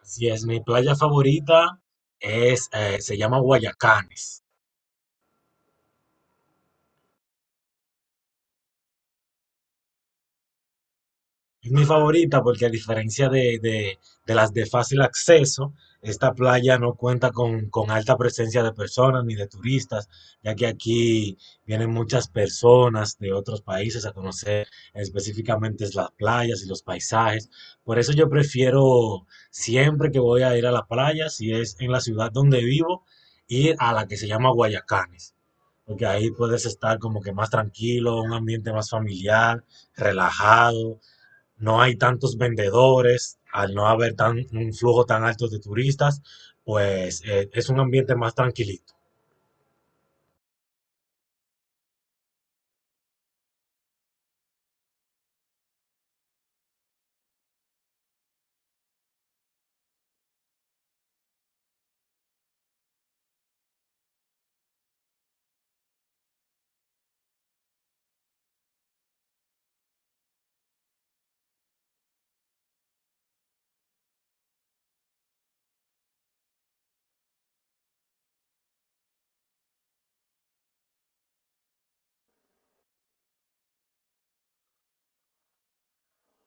Así es, mi playa favorita se llama Guayacanes. Es mi favorita porque a diferencia de las de fácil acceso, esta playa no cuenta con alta presencia de personas ni de turistas, ya que aquí vienen muchas personas de otros países a conocer específicamente las playas y los paisajes. Por eso yo prefiero siempre que voy a ir a la playa, si es en la ciudad donde vivo, ir a la que se llama Guayacanes. Porque ahí puedes estar como que más tranquilo, un ambiente más familiar, relajado. No hay tantos vendedores, al no haber tan, un flujo tan alto de turistas, pues es un ambiente más tranquilito.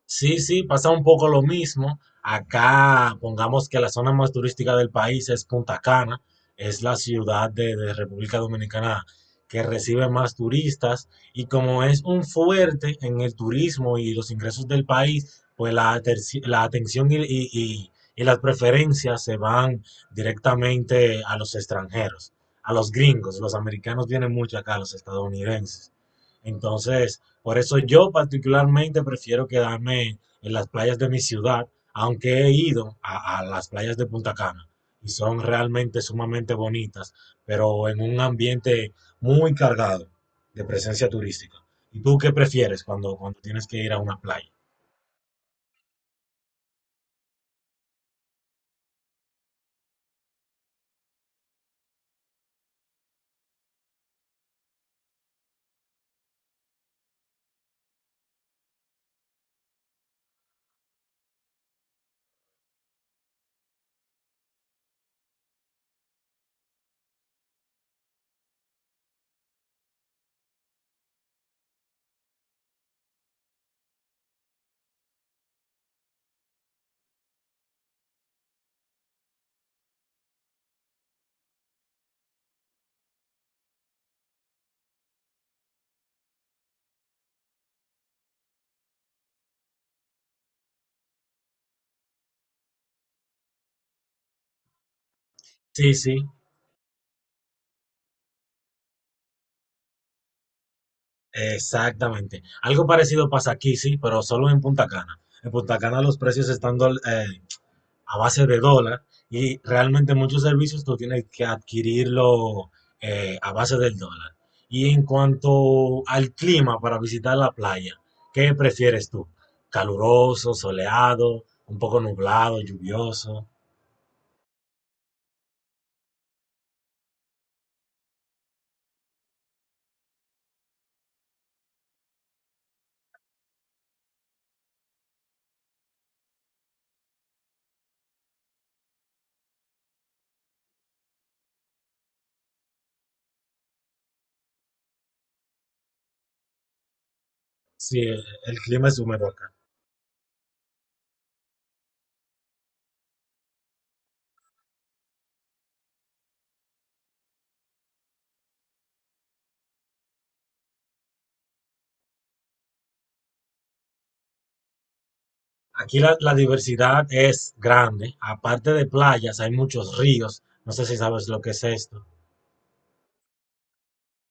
Sí, sí, pasa un poco lo mismo. Acá, pongamos que la zona más turística del país es Punta Cana, es la ciudad de República Dominicana que recibe más turistas y como es un fuerte en el turismo y los ingresos del país, pues la atención y las preferencias se van directamente a los extranjeros, a los gringos. Los americanos vienen mucho acá, los estadounidenses. Entonces, por eso yo particularmente prefiero quedarme en las playas de mi ciudad, aunque he ido a las playas de Punta Cana y son realmente sumamente bonitas, pero en un ambiente muy cargado de presencia turística. ¿Y tú qué prefieres cuando tienes que ir a una playa? Sí, sí, exactamente. Algo parecido pasa aquí, sí, pero solo en Punta Cana. En Punta Cana los precios están a base de dólar y realmente muchos servicios tú tienes que adquirirlo a base del dólar. Y en cuanto al clima para visitar la playa, ¿qué prefieres tú? ¿Caluroso, soleado, un poco nublado, lluvioso? Sí, el clima es húmedo acá. Aquí la diversidad es grande. Aparte de playas, hay muchos ríos. No sé si sabes lo que es esto.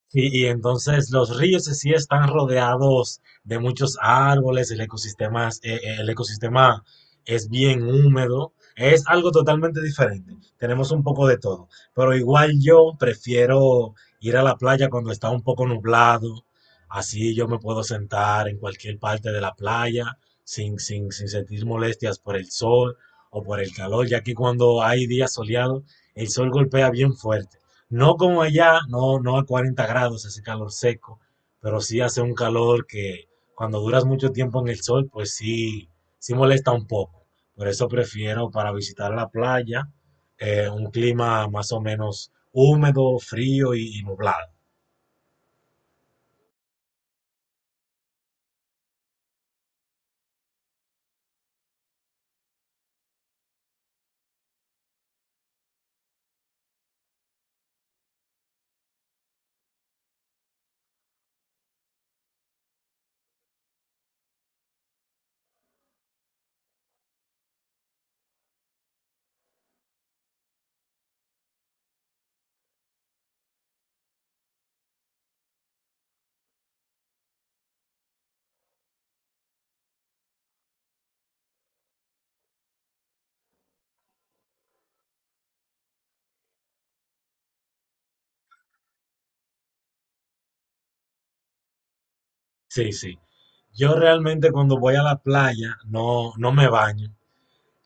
Sí, y entonces los ríos en sí están rodeados de muchos árboles, el ecosistema, el ecosistema es bien húmedo, es algo totalmente diferente. Tenemos un poco de todo, pero igual yo prefiero ir a la playa cuando está un poco nublado, así yo me puedo sentar en cualquier parte de la playa sin sentir molestias por el sol o por el calor, ya que cuando hay días soleados, el sol golpea bien fuerte. No como allá, no, no a 40 grados ese calor seco, pero sí hace un calor que cuando duras mucho tiempo en el sol, pues sí, sí molesta un poco. Por eso prefiero para visitar la playa un clima más o menos húmedo, frío y nublado. Sí, sí. Yo realmente cuando voy a la playa no, no me baño.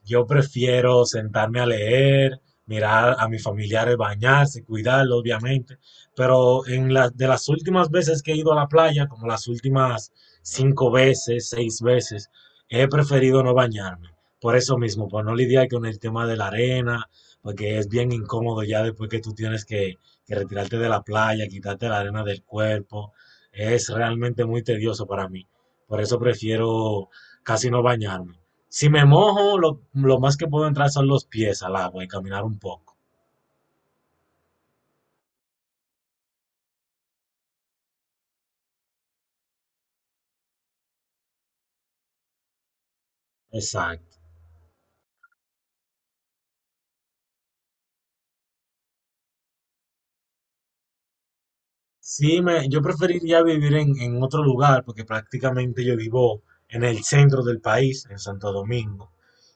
Yo prefiero sentarme a leer, mirar a mis familiares bañarse, cuidarlos, obviamente. Pero en la- de las últimas veces que he ido a la playa, como las últimas cinco veces, seis veces, he preferido no bañarme. Por eso mismo, por no lidiar con el tema de la arena, porque es bien incómodo ya después que tú tienes que retirarte de la playa, quitarte la arena del cuerpo. Es realmente muy tedioso para mí. Por eso prefiero casi no bañarme. Si me mojo, lo más que puedo entrar son los pies al agua y caminar un poco. Exacto. Sí, yo preferiría vivir en otro lugar porque prácticamente yo vivo en el centro del país, en Santo Domingo,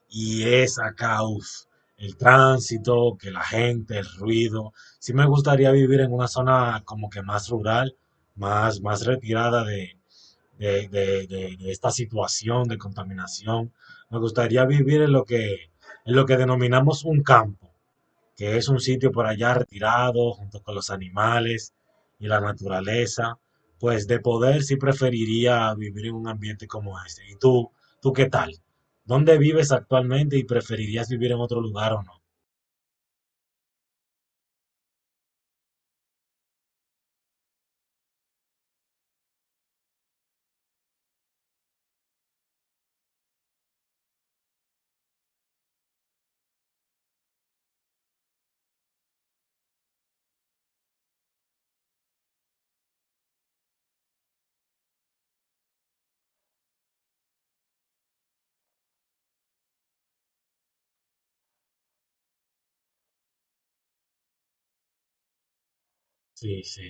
y es acá, uf, el tránsito, que la gente, el ruido. Sí me gustaría vivir en una zona como que más rural, más, más retirada de esta situación de contaminación. Me gustaría vivir en lo que denominamos un campo, que es un sitio por allá retirado, junto con los animales y la naturaleza. Pues de poder sí preferiría vivir en un ambiente como este. ¿Y tú qué tal? ¿Dónde vives actualmente y preferirías vivir en otro lugar o no? Sí, sí,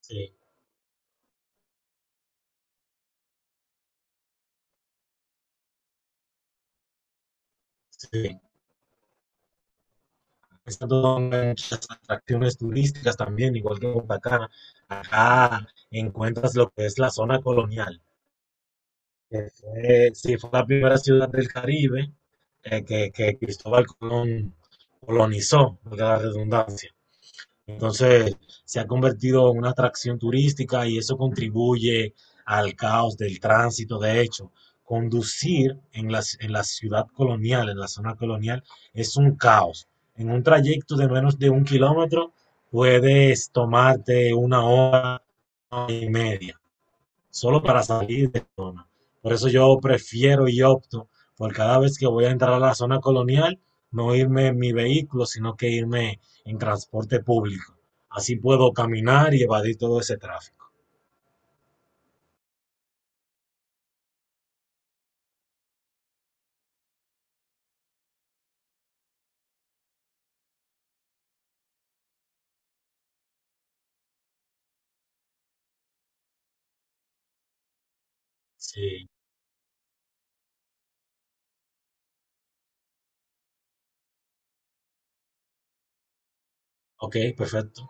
sí, sí. Pensando en muchas atracciones turísticas también, igual que Punta Cana. Acá encuentras lo que es la zona colonial, que fue, sí, fue la primera ciudad del Caribe que Cristóbal Colón colonizó, de la redundancia. Entonces se ha convertido en una atracción turística y eso contribuye al caos del tránsito. De hecho, conducir en la ciudad colonial, en la zona colonial, es un caos. En un trayecto de menos de un kilómetro puedes tomarte una hora y media solo para salir de la zona. Por eso yo prefiero y opto por cada vez que voy a entrar a la zona colonial, no irme en mi vehículo, sino que irme en transporte público. Así puedo caminar y evadir todo ese tráfico. Sí, ok, perfecto.